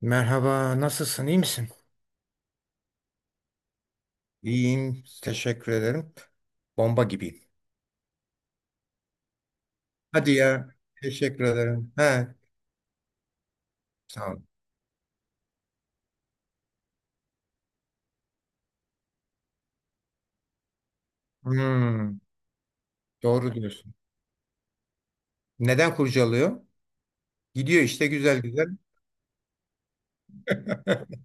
Merhaba, nasılsın? İyi misin? İyiyim, teşekkür ederim. Bomba gibiyim. Hadi ya, teşekkür ederim. He, sağ ol. Hmm, doğru diyorsun. Neden kurcalıyor? Gidiyor işte güzel güzel.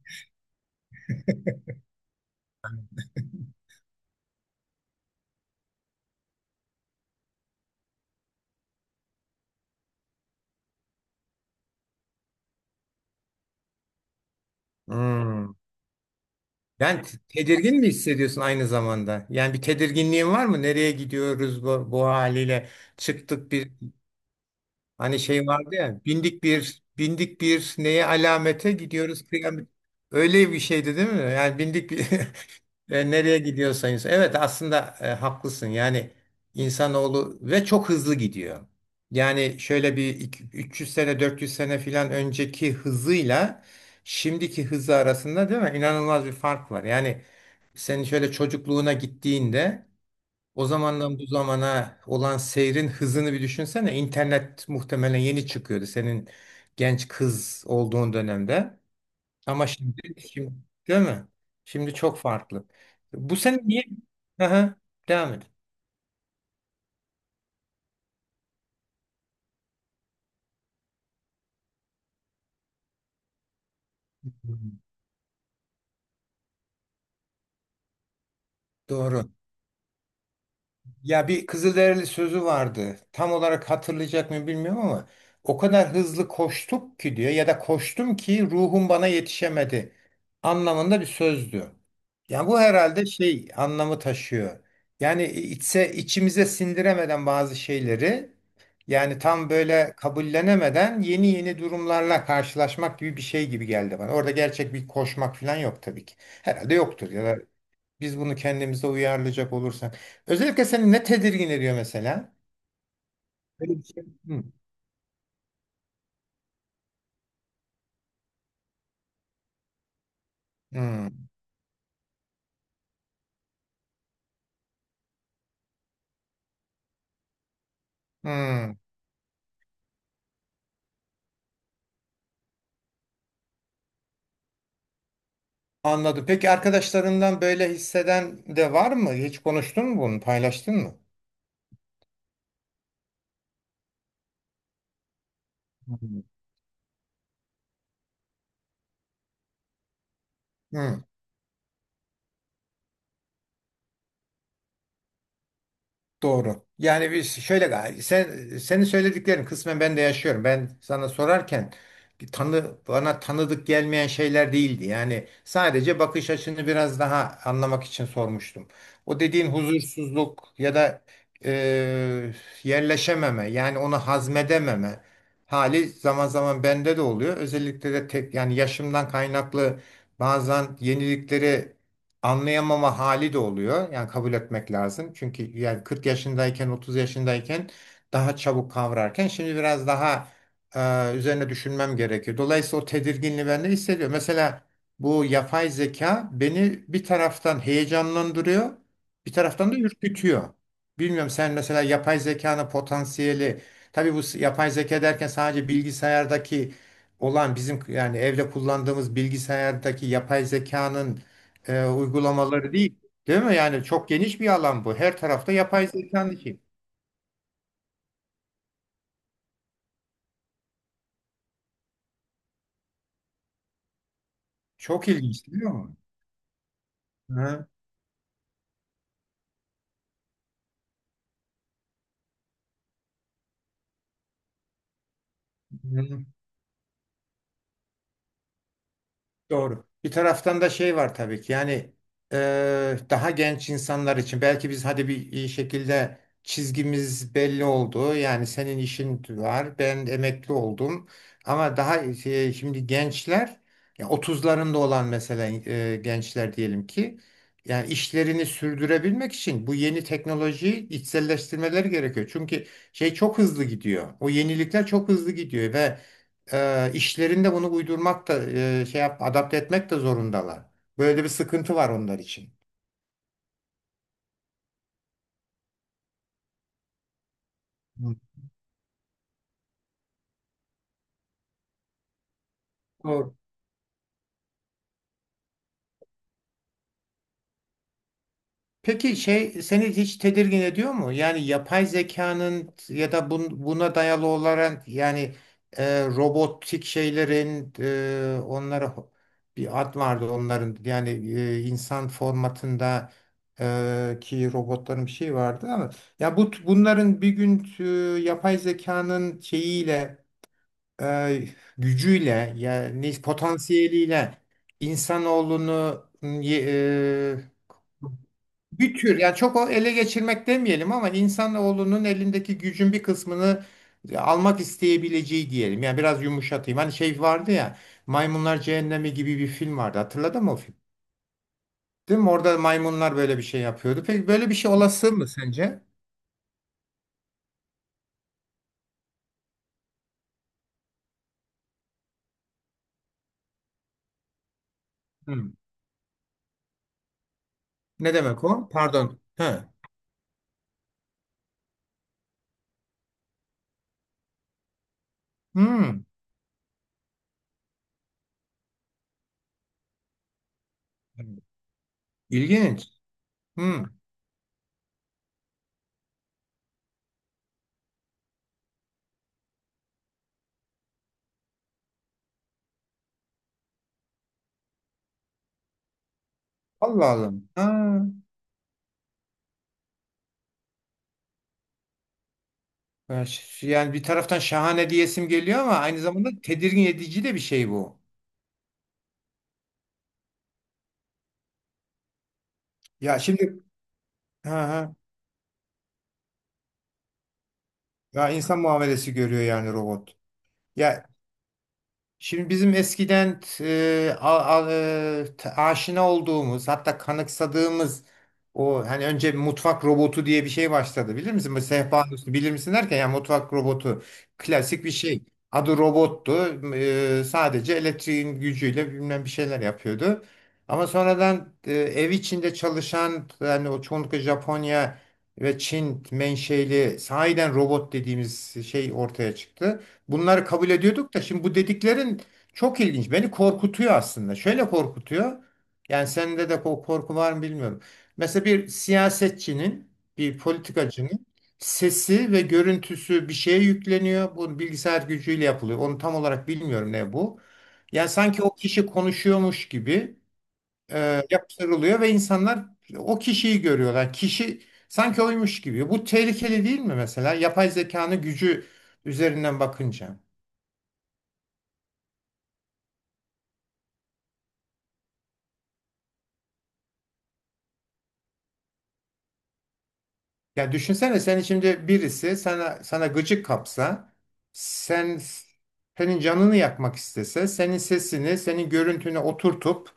Hmm. Yani tedirgin mi hissediyorsun aynı zamanda? Yani bir tedirginliğin var mı? Nereye gidiyoruz bu haliyle? Çıktık bir hani şey vardı ya bindik bir neye alamete gidiyoruz kıyamet. Öyle bir şeydi değil mi? Yani bindik bir nereye gidiyorsa insan. Evet aslında haklısın. Yani insanoğlu ve çok hızlı gidiyor. Yani şöyle bir 300 sene 400 sene filan önceki hızıyla şimdiki hızı arasında değil mi? İnanılmaz bir fark var. Yani senin şöyle çocukluğuna gittiğinde o zamandan bu zamana olan seyrin hızını bir düşünsene. İnternet muhtemelen yeni çıkıyordu senin genç kız olduğun dönemde. Ama şimdi değil mi? Şimdi çok farklı. Bu sene niye? Aha, devam et. Doğru. Ya bir Kızılderili sözü vardı. Tam olarak hatırlayacak mı bilmiyorum ama o kadar hızlı koştuk ki diyor ya da koştum ki ruhum bana yetişemedi anlamında bir sözdü. Yani bu herhalde şey anlamı taşıyor. Yani içimize sindiremeden bazı şeyleri yani tam böyle kabullenemeden yeni yeni durumlarla karşılaşmak gibi bir şey gibi geldi bana. Orada gerçek bir koşmak falan yok tabii ki. Herhalde yoktur ya da biz bunu kendimize uyarlayacak olursak. Özellikle seni ne tedirgin ediyor mesela? Böyle bir şey. Hı. Hı. Hı. Anladım. Peki arkadaşlarından böyle hisseden de var mı? Hiç konuştun mu bunu? Paylaştın mı? Hı. Hı. Doğru. Yani biz şöyle senin söylediklerin kısmen ben de yaşıyorum. Ben sana sorarken bir tanı bana tanıdık gelmeyen şeyler değildi. Yani sadece bakış açını biraz daha anlamak için sormuştum. O dediğin huzursuzluk ya da e, yerleşememe yani onu hazmedememe hali zaman zaman bende de oluyor. Özellikle de tek yani yaşımdan kaynaklı bazen yeniliklere anlayamama hali de oluyor. Yani kabul etmek lazım. Çünkü yani 40 yaşındayken 30 yaşındayken daha çabuk kavrarken şimdi biraz daha üzerine düşünmem gerekiyor. Dolayısıyla o tedirginliği ben de hissediyorum. Mesela bu yapay zeka beni bir taraftan heyecanlandırıyor, bir taraftan da ürkütüyor. Bilmiyorum sen mesela yapay zekanın potansiyeli, tabii bu yapay zeka derken sadece bilgisayardaki olan bizim yani evde kullandığımız bilgisayardaki yapay zekanın uygulamaları değil. Değil mi? Yani çok geniş bir alan bu. Her tarafta yapay zekanın içi. Çok ilginç değil mi? Hı hı. Doğru. Bir taraftan da şey var tabii ki yani daha genç insanlar için belki biz hadi bir iyi şekilde çizgimiz belli oldu. Yani senin işin var, ben emekli oldum. Ama daha şey, şimdi gençler ya 30'larında olan mesela gençler diyelim ki yani işlerini sürdürebilmek için bu yeni teknolojiyi içselleştirmeleri gerekiyor. Çünkü şey çok hızlı gidiyor. O yenilikler çok hızlı gidiyor ve işlerinde bunu uydurmak da şey yap, adapte etmek de zorundalar. Böyle bir sıkıntı var onlar için. Hı. Doğru. Peki şey seni hiç tedirgin ediyor mu? Yani yapay zekanın ya da buna dayalı olarak yani robotik şeylerin onlara bir ad vardı onların yani insan formatında ki robotların bir şey vardı ama ya bu bunların bir gün yapay zekanın şeyiyle e, gücüyle yani potansiyeliyle insanoğlunu e, bir tür yani çok o ele geçirmek demeyelim ama insanoğlunun elindeki gücün bir kısmını almak isteyebileceği diyelim. Yani biraz yumuşatayım. Hani şey vardı ya Maymunlar Cehennemi gibi bir film vardı. Hatırladın mı o film? Değil mi? Orada maymunlar böyle bir şey yapıyordu. Peki böyle bir şey olası mı sence? Hmm. Ne demek o? Pardon. He. Hmm. İlginç. Hmm. Allah Allah. Ha. Yani bir taraftan şahane diyesim geliyor ama aynı zamanda tedirgin edici de bir şey bu. Ya şimdi ha ha, ya insan muamelesi görüyor yani robot. Ya şimdi bizim eskiden aşina olduğumuz hatta kanıksadığımız o hani önce mutfak robotu diye bir şey başladı bilir misin? Bu sehpanın üstü bilir misin derken yani mutfak robotu klasik bir şey. Adı robottu. Sadece elektriğin gücüyle bilmem bir şeyler yapıyordu. Ama sonradan ev içinde çalışan yani o çoğunlukla Japonya ve Çin menşeli sahiden robot dediğimiz şey ortaya çıktı. Bunları kabul ediyorduk da şimdi bu dediklerin çok ilginç. Beni korkutuyor aslında. Şöyle korkutuyor. Yani sende de o korku var mı bilmiyorum. Mesela bir siyasetçinin, bir politikacının sesi ve görüntüsü bir şeye yükleniyor. Bu bilgisayar gücüyle yapılıyor. Onu tam olarak bilmiyorum ne bu. Yani sanki o kişi konuşuyormuş gibi yaptırılıyor ve insanlar o kişiyi görüyorlar. Kişi sanki oymuş gibi. Bu tehlikeli değil mi mesela? Yapay zekanın gücü üzerinden bakınca. Ya düşünsene sen şimdi birisi sana gıcık kapsa, sen senin canını yakmak istese, senin sesini, senin görüntünü oturtup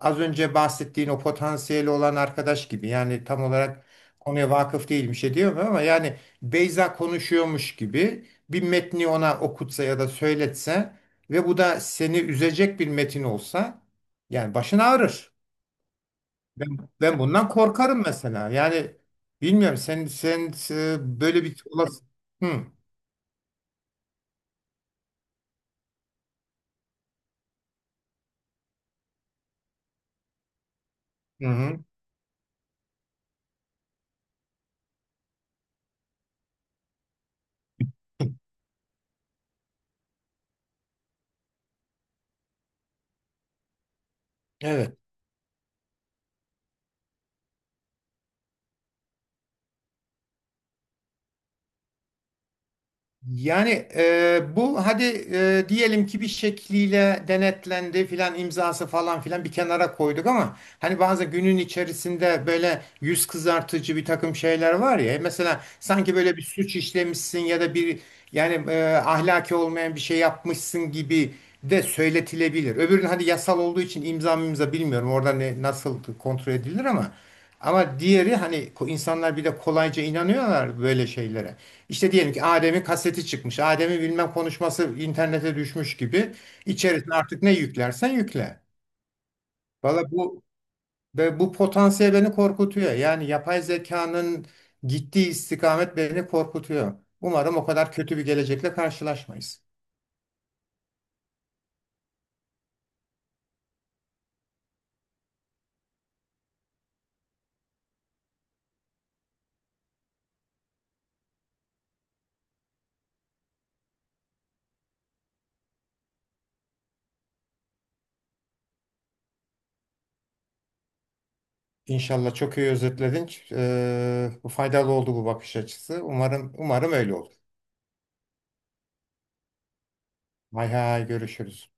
az önce bahsettiğin o potansiyeli olan arkadaş gibi yani tam olarak konuya vakıf değil bir şey diyemem ama yani Beyza konuşuyormuş gibi bir metni ona okutsa ya da söyletse ve bu da seni üzecek bir metin olsa yani başın ağrır. Ben bundan korkarım mesela. Yani bilmiyorum sen böyle bir olası. Hı hı. Hı. Evet. Yani bu hadi diyelim ki bir şekliyle denetlendi filan imzası falan filan bir kenara koyduk ama hani bazı günün içerisinde böyle yüz kızartıcı bir takım şeyler var ya mesela sanki böyle bir suç işlemişsin ya da bir yani ahlaki olmayan bir şey yapmışsın gibi de söyletilebilir. Öbürün hadi yasal olduğu için imza bilmiyorum orada ne, nasıl kontrol edilir ama diğeri hani insanlar bir de kolayca inanıyorlar böyle şeylere. İşte diyelim ki Adem'in kaseti çıkmış. Adem'in bilmem konuşması internete düşmüş gibi. İçerisine artık ne yüklersen yükle. Valla bu potansiyel beni korkutuyor. Yani yapay zekanın gittiği istikamet beni korkutuyor. Umarım o kadar kötü bir gelecekle karşılaşmayız. İnşallah çok iyi özetledin. Bu faydalı oldu bu bakış açısı. Umarım öyle olur. Hay hay görüşürüz.